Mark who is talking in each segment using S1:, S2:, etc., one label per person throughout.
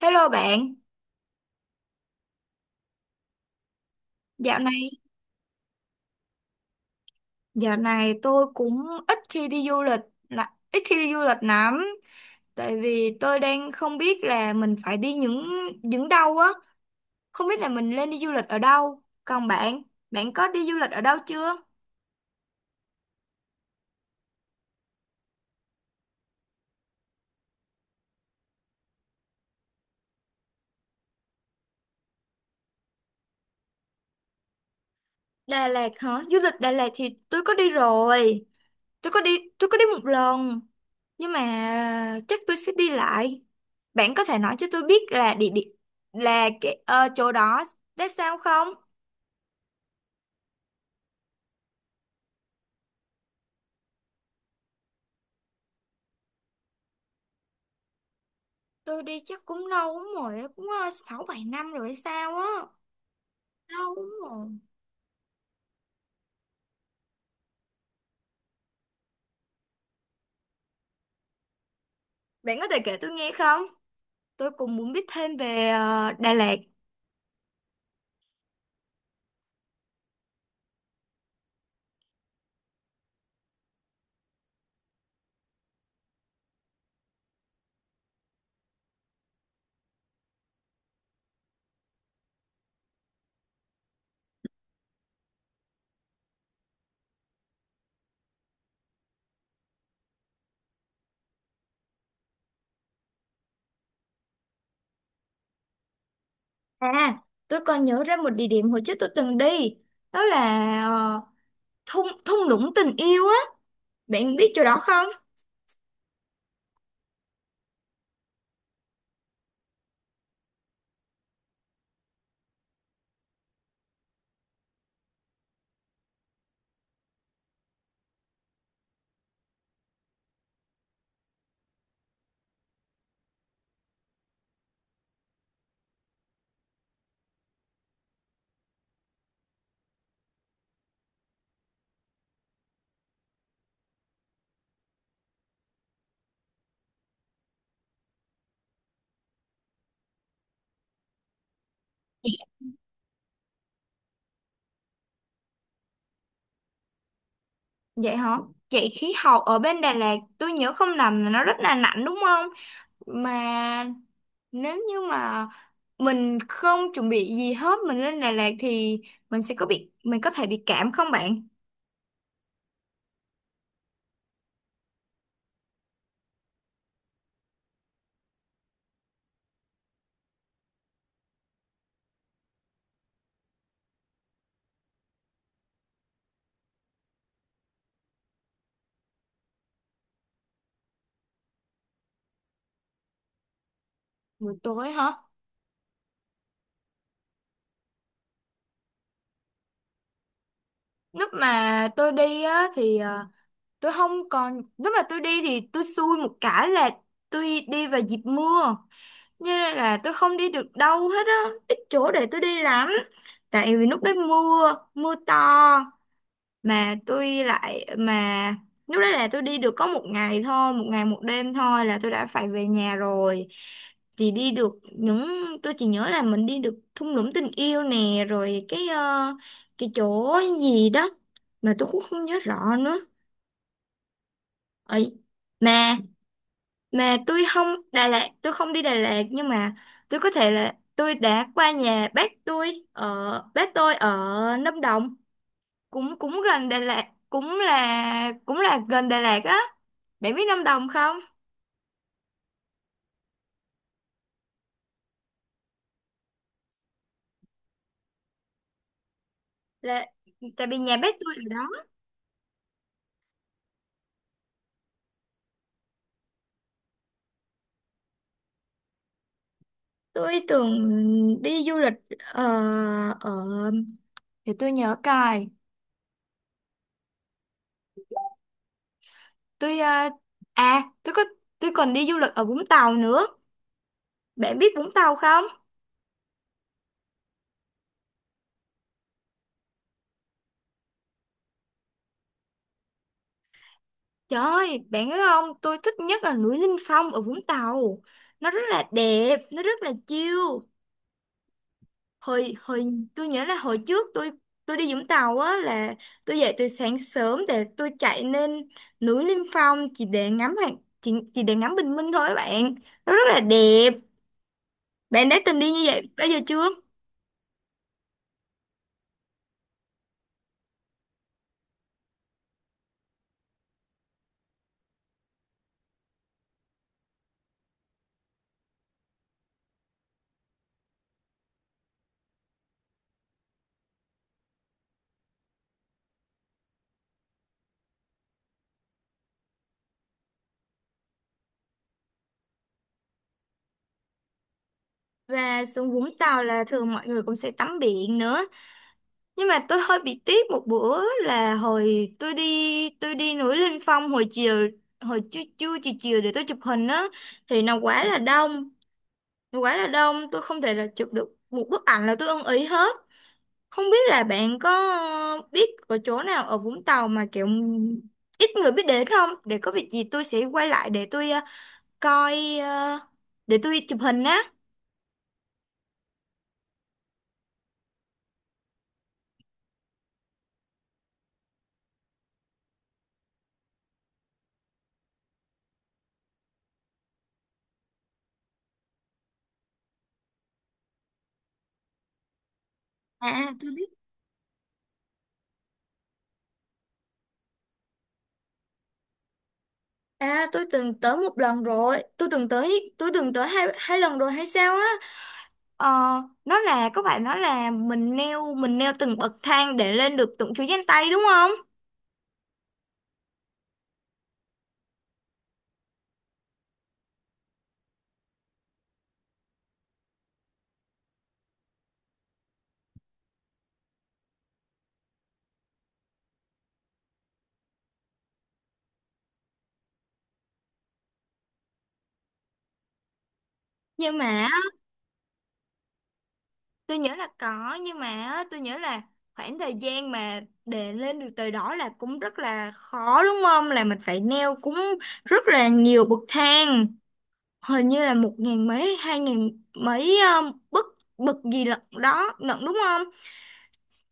S1: Hello bạn. Dạo này dạo này tôi cũng ít khi đi du lịch, là ít khi đi du lịch lắm, tại vì tôi đang không biết là mình phải đi những đâu á, không biết là mình nên đi du lịch ở đâu. Còn bạn, bạn có đi du lịch ở đâu chưa? Đà Lạt hả? Du lịch Đà Lạt thì tôi có đi rồi, tôi có đi một lần, nhưng mà chắc tôi sẽ đi lại. Bạn có thể nói cho tôi biết là địa điểm, là cái chỗ đó đã sao không? Tôi đi chắc cũng lâu lắm rồi á, cũng 6-7 năm rồi hay sao á, lâu lắm rồi. Bạn có thể kể tôi nghe không? Tôi cũng muốn biết thêm về Đà Lạt. à tôi còn nhớ ra một địa điểm hồi trước tôi từng đi, đó là thung thung lũng tình yêu á. Bạn biết chỗ đó không? Vậy hả? Vậy khí hậu ở bên Đà Lạt tôi nhớ không lầm là nó rất là lạnh đúng không? Mà nếu như mà mình không chuẩn bị gì hết mình lên Đà Lạt thì mình có thể bị cảm không bạn? Buổi tối hả? Lúc mà tôi đi á thì tôi không còn lúc mà tôi đi thì tôi xui một cái là tôi đi vào dịp mưa, cho nên là tôi không đi được đâu hết á, ít chỗ để tôi đi lắm, tại vì lúc đấy mưa mưa to, mà tôi lại mà lúc đấy là tôi đi được có một ngày thôi, một ngày một đêm thôi là tôi đã phải về nhà rồi. Thì đi được những Tôi chỉ nhớ là mình đi được thung lũng tình yêu nè, rồi cái cái chỗ gì đó mà tôi cũng không nhớ rõ nữa ấy. Mà mà tôi không đi Đà Lạt, nhưng mà tôi có thể là tôi đã qua nhà bác tôi ở Lâm Đồng, cũng cũng gần Đà Lạt, cũng là gần Đà Lạt á. Bạn biết Lâm Đồng không? Là tại vì nhà bác tôi ở đó. Tôi tưởng đi du lịch ờ, ở thì tôi nhớ cài tôi ờ, à tôi có tôi còn đi du lịch ở Vũng Tàu nữa. Bạn biết Vũng Tàu không? Trời ơi, bạn biết không, tôi thích nhất là núi Linh Phong ở Vũng Tàu. Nó rất là đẹp, nó rất là chill. Hồi hồi Tôi nhớ là hồi trước tôi đi Vũng Tàu á, là tôi dậy từ sáng sớm để tôi chạy lên núi Liêm Phong chỉ để ngắm bình minh thôi các bạn, nó rất là đẹp. Bạn đã từng đi như vậy bao giờ chưa? Và xuống Vũng Tàu là thường mọi người cũng sẽ tắm biển nữa, nhưng mà tôi hơi bị tiếc một bữa là hồi tôi đi núi linh Phong hồi trưa trưa chiều chiều để tôi chụp hình á, thì nó quá là đông, quá là đông, tôi không thể là chụp được một bức ảnh là tôi ưng ý hết. Không biết là bạn có biết ở chỗ nào ở Vũng Tàu mà kiểu ít người biết đến không, để có việc gì tôi sẽ quay lại để tôi coi ờ, để tôi chụp hình á. Tôi biết. Tôi từng tới một lần rồi, tôi từng tới hai hai lần rồi hay sao á. ờ, nó là các bạn nói là mình neo từng bậc thang để lên được từng chuỗi danh tay đúng không? Nhưng mà tôi nhớ là có, nhưng mà á, tôi nhớ là khoảng thời gian mà để lên được tới đó là cũng rất là khó đúng không? Là mình phải leo cũng rất là nhiều bậc thang, hình như là 1 ngàn mấy, 2 ngàn mấy, bậc, gì lận đó lận đúng không?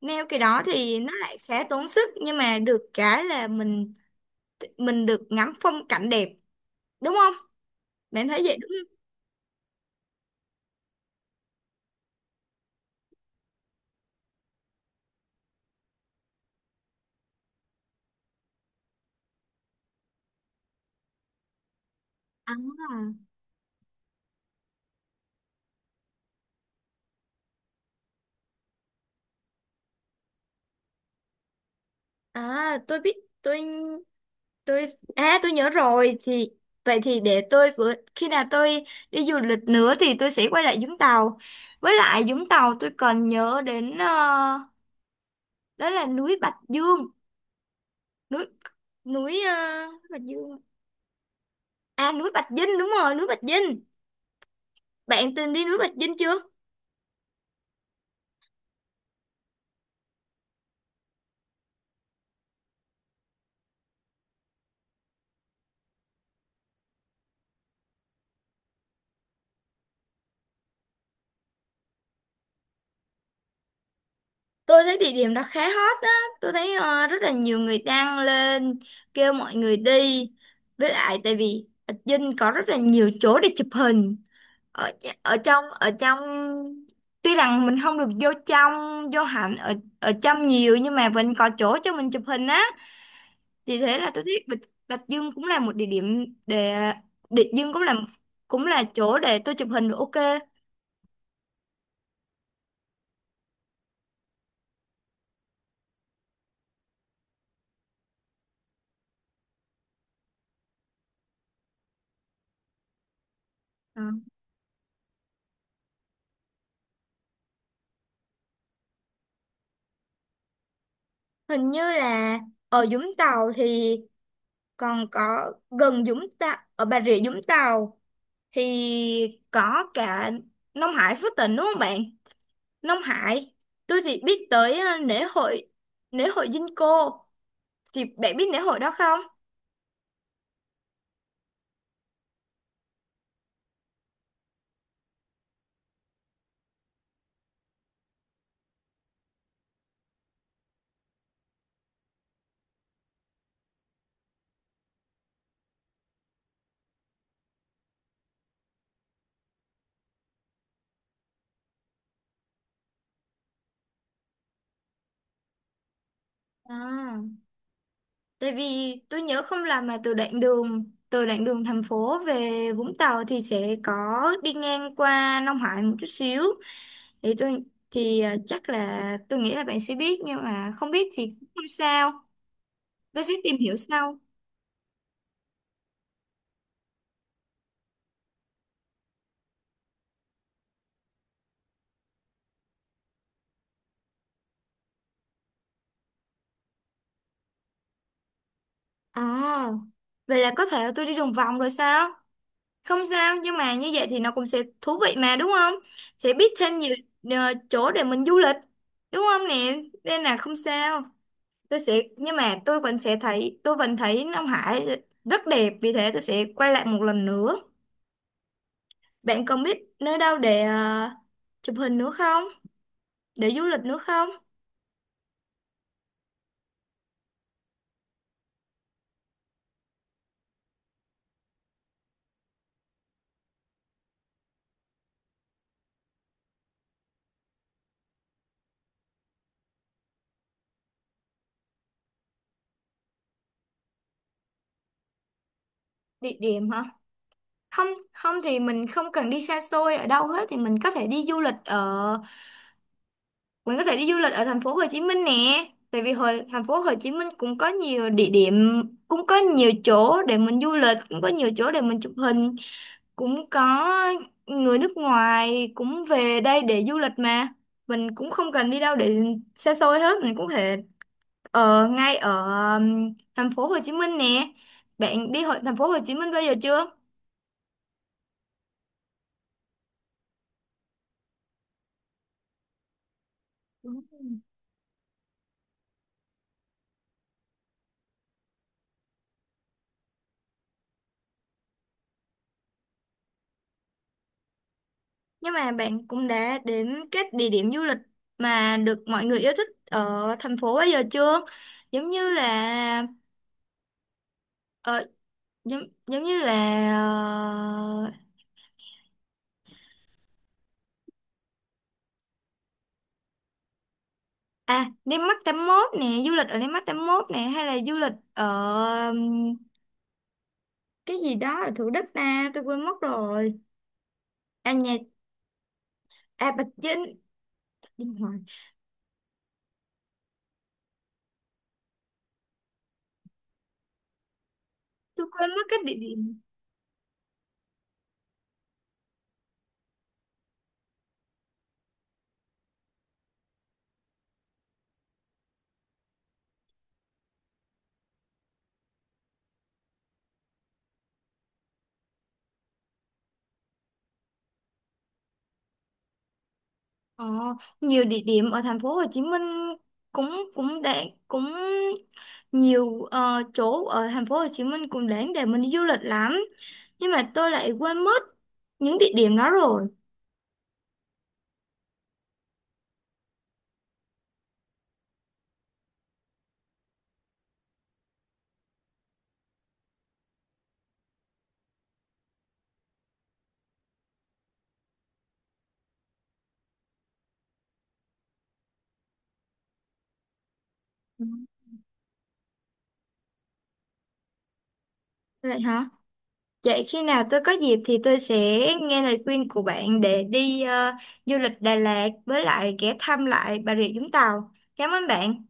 S1: Neo cái đó thì nó lại khá tốn sức, nhưng mà được cái là mình được ngắm phong cảnh đẹp đúng không? Bạn thấy vậy đúng không? À, à, tôi biết tôi tôi à tôi nhớ rồi. Thì vậy thì để tôi, vừa khi nào tôi đi du lịch nữa thì tôi sẽ quay lại Vũng Tàu. Với lại Vũng Tàu tôi còn nhớ đến đó là núi Bạch Dương, núi núi ờ, Bạch Dương. Núi Bạch Dinh, đúng rồi, núi Bạch Dinh. Bạn từng đi núi Bạch Dinh chưa? Tôi thấy địa điểm đó khá hot á, tôi thấy rất là nhiều người đăng lên kêu mọi người đi. Với lại tại vì ở Vinh có rất là nhiều chỗ để chụp hình. Ở ở trong Tuy rằng mình không được vô trong, vô hẳn ở ở trong nhiều, nhưng mà vẫn có chỗ cho mình chụp hình á. Vì thế là tôi thấy Bạch Dương cũng là một địa điểm để, Bạch Dương cũng là chỗ để tôi chụp hình được ok. Ừ. Hình như là ở Vũng Tàu thì còn có, gần Vũng Tàu ở Bà Rịa Vũng Tàu thì có cả Nông Hải Phước Tỉnh đúng không bạn? Nông Hải tôi thì biết tới lễ hội Vinco, thì bạn biết lễ hội đó không? à, Tại vì tôi nhớ không làm mà, từ đoạn đường thành phố về Vũng Tàu thì sẽ có đi ngang qua Nông Hải một chút xíu, thì tôi, thì chắc là tôi nghĩ là bạn sẽ biết, nhưng mà không biết thì không sao, tôi sẽ tìm hiểu sau. À, vậy là có thể tôi đi đường vòng rồi sao? Không sao, nhưng mà như vậy thì nó cũng sẽ thú vị mà đúng không? Sẽ biết thêm nhiều chỗ để mình du lịch, đúng không nè? Nên là không sao. Tôi sẽ Nhưng mà tôi vẫn thấy Nam Hải rất đẹp, vì thế tôi sẽ quay lại một lần nữa. Bạn còn biết nơi đâu để chụp hình nữa không? Để du lịch nữa không? Địa điểm hả? Không, không thì mình không cần đi xa xôi ở đâu hết, thì mình có thể đi du lịch ở thành phố Hồ Chí Minh nè. Tại vì hồi thành phố Hồ Chí Minh cũng có nhiều địa điểm, cũng có nhiều chỗ để mình du lịch, cũng có nhiều chỗ để mình chụp hình, cũng có người nước ngoài cũng về đây để du lịch mà. Mình cũng không cần đi đâu để xa xôi hết, mình cũng có thể ở ngay ở thành phố Hồ Chí Minh nè. Bạn đi hội thành phố Hồ Chí Minh bao giờ chưa? Đúng. Nhưng mà bạn cũng đã đến các địa điểm du lịch mà được mọi người yêu thích ở thành phố bây giờ chưa? Giống như là ờ, giống, giống như là ờ, Landmark 81 nè, du lịch ở Landmark 81 nè, hay là du lịch ở ừm, cái gì đó ở Thủ Đức ta, tôi quên mất rồi. À nhà à Bạch Dinh, điên rồi. Tôi quên mất cái địa điểm. Ờ, nhiều địa điểm ở thành phố Hồ Chí Minh cũng cũng, để cũng nhiều chỗ ở thành phố Hồ Chí Minh cũng đáng để mình đi du lịch lắm, nhưng mà tôi lại quên mất những địa điểm đó rồi. Ừ. Vậy hả? Vậy khi nào tôi có dịp thì tôi sẽ nghe lời khuyên của bạn để đi du lịch Đà Lạt với lại ghé thăm lại Bà Rịa Vũng Tàu. Cảm ơn bạn.